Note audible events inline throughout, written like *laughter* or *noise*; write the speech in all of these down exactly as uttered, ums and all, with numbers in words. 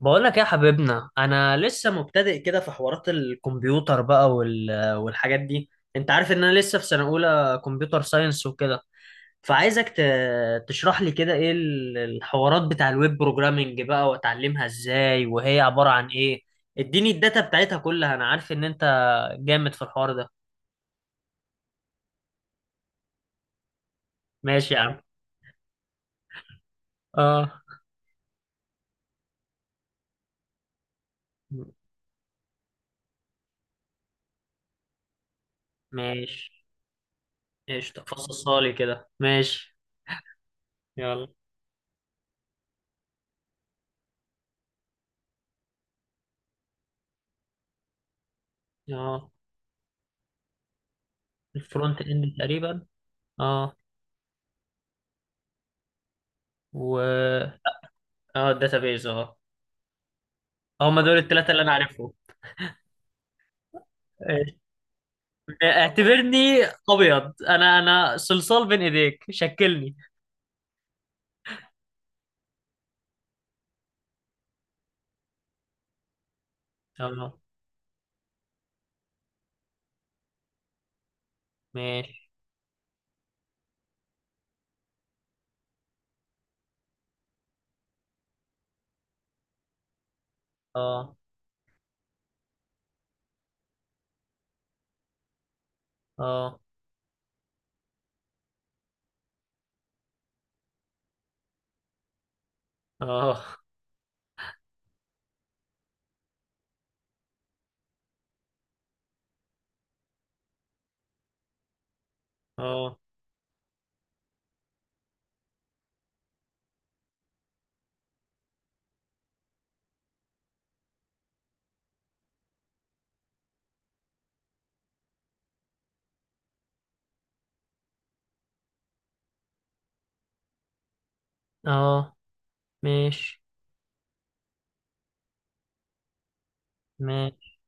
بقولك يا حبيبنا، انا لسه مبتدئ كده في حوارات الكمبيوتر بقى، وال... والحاجات دي. انت عارف ان انا لسه في سنة اولى كمبيوتر ساينس وكده، فعايزك ت... تشرح لي كده ايه ال- الحوارات بتاع الويب بروجرامنج بقى، واتعلمها ازاي وهي عبارة عن ايه؟ اديني الداتا بتاعتها كلها، انا عارف ان انت جامد في الحوار ده. ماشي يا عم. اه. ماشي. ايش تفصصها لي كده. ماشي. يلا. اه. الفرونت اند تقريبا. اه. اه الداتابيز اه. هم دول الثلاثة اللي انا عارفهم. إيه. اعتبرني ابيض، انا انا صلصال بين ايديك، شكلني. اه. ماشي. اه. اه. اه. اه. اه. ماشي. ماشي.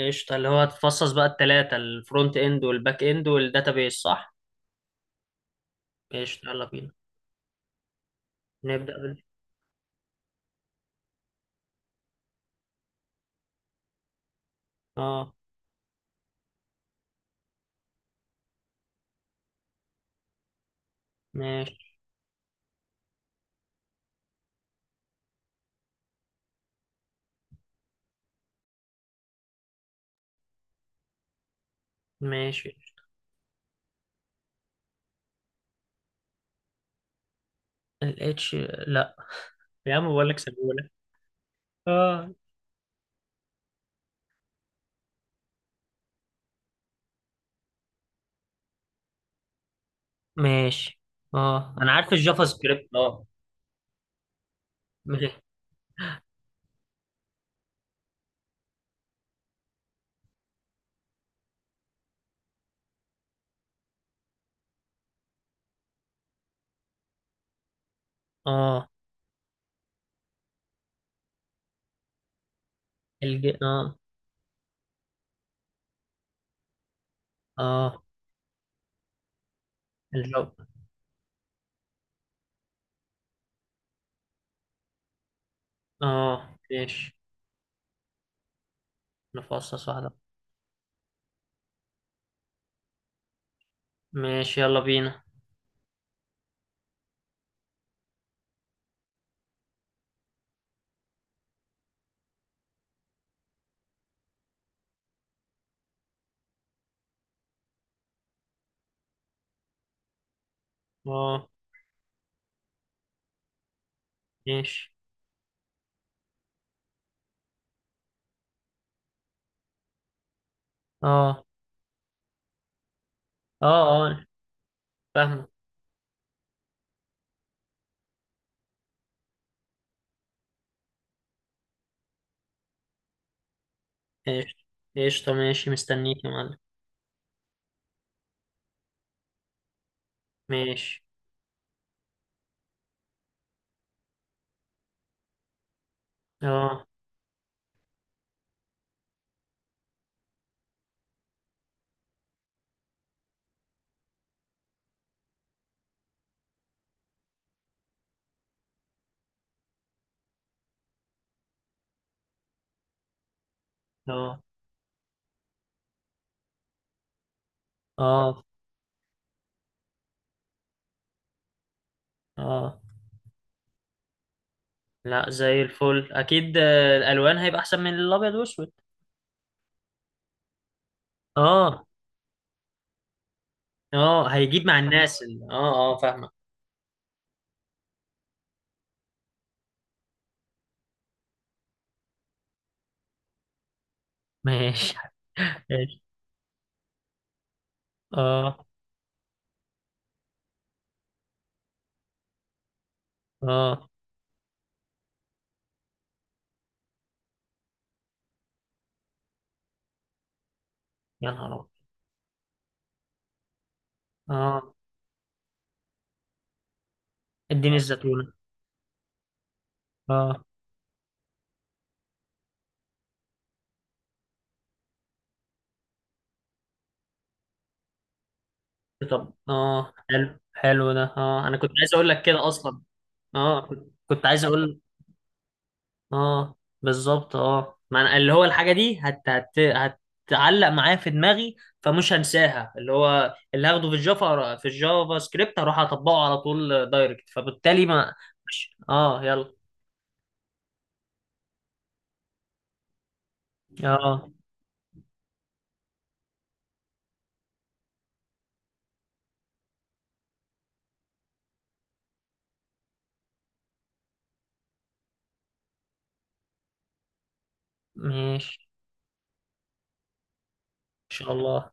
قشطة. اللي هو هتفصص بقى الثلاثة الفرونت اند والباك اند والداتابيز صح؟ قشطة، يلا بينا. نبدأ بال. اه. ماشي. ماشي. الاتش. لا. يا عم بقول لك سيبهولك. اه. ماشي. اه انا عارف الجافا سكريبت اه. اه الج اه. اه الجو. اه. ماشي. نفصص واحدة. ماشي يلا بينا. اه. ماشي. اه. اه. اه. فاهمة. ماشي. قشطة. ماشي مستنيك يا معلم. ماشي. اه. اه. اه. اه. لا زي الفل اكيد، آه، الالوان هيبقى احسن من الابيض والاسود. اه. اه هيجيب مع الناس ال- اه اه فاهمة. ماشي. *laughs* ماشي. اه. اه. يا نهار أبيض. اه. اديني الزيتونة. اه طب اه حلو حلو ده، اه انا كنت عايز اقول لك كده اصلا. اه كنت كنت عايز اقول. اه. بالظبط. اه ما أنا اللي هو الحاجه دي هت هت هتعلق معايا في دماغي، فمش هنساها. اللي هو اللي هاخده في الجافا في الجافا سكريبت هروح اطبقه على طول دايركت، فبالتالي ما مش اه. يلا. اه. ماشي. ان شاء الله.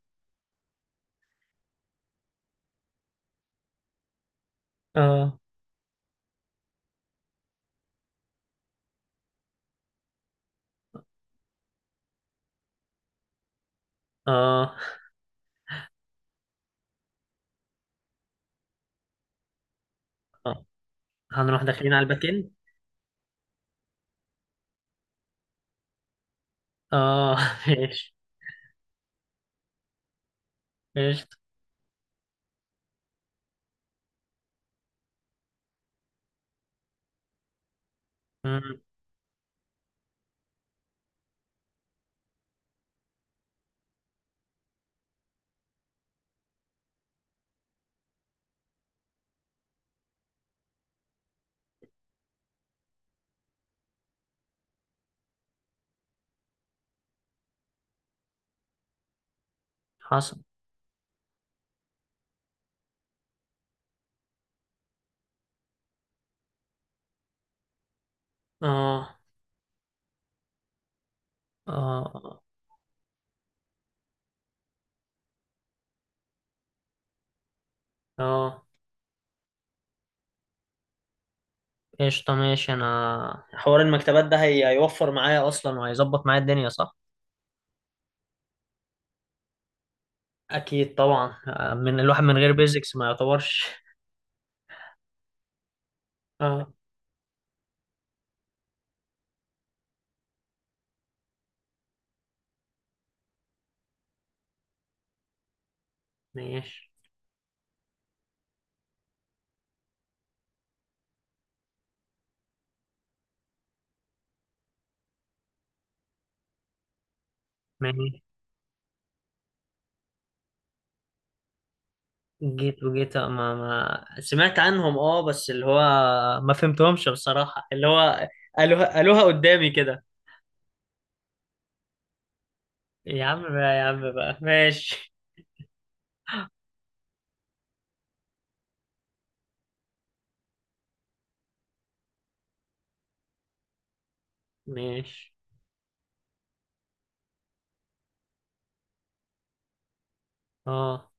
اه. اه. آه. هنروح داخلين على الباك اند. اه. *laughs* ماشي. ماشي. مم، حصل. اه. اه. اه. قشطة ماشي. انا حوار المكتبات ده هي... هيوفر معايا اصلا وهيظبط معايا الدنيا صح؟ اكيد طبعا، آه، من الواحد من غير بيزكس ما يعتبرش. *laughs* اه. ماشي. ماشي. جيت وجيت آه، ما ما سمعت عنهم، اه بس اللي هو ما فهمتهمش بصراحة. اللي هو قالوها قالوها قدامي كده. يا عم بقى يا عم بقى ماشي. ماشي. اه.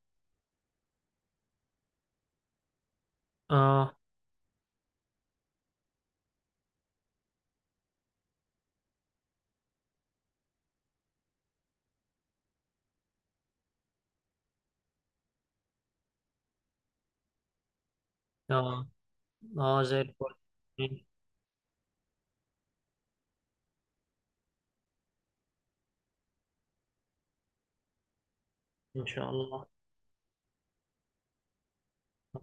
اه. اه. اه زي الفل. ان شاء الله.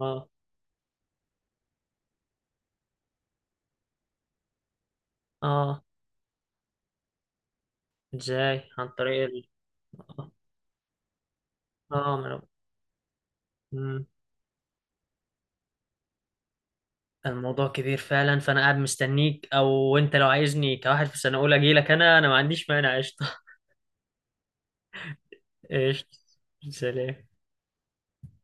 اه. اه. ازاي عن طريق. اه ما أنا- مم. الموضوع كبير فعلا، فانا قاعد مستنيك. او انت لو عايزني كواحد في سنه اولى اجي لك، انا انا ما عنديش مانع. قشطه. *laughs* قشطه. سلام.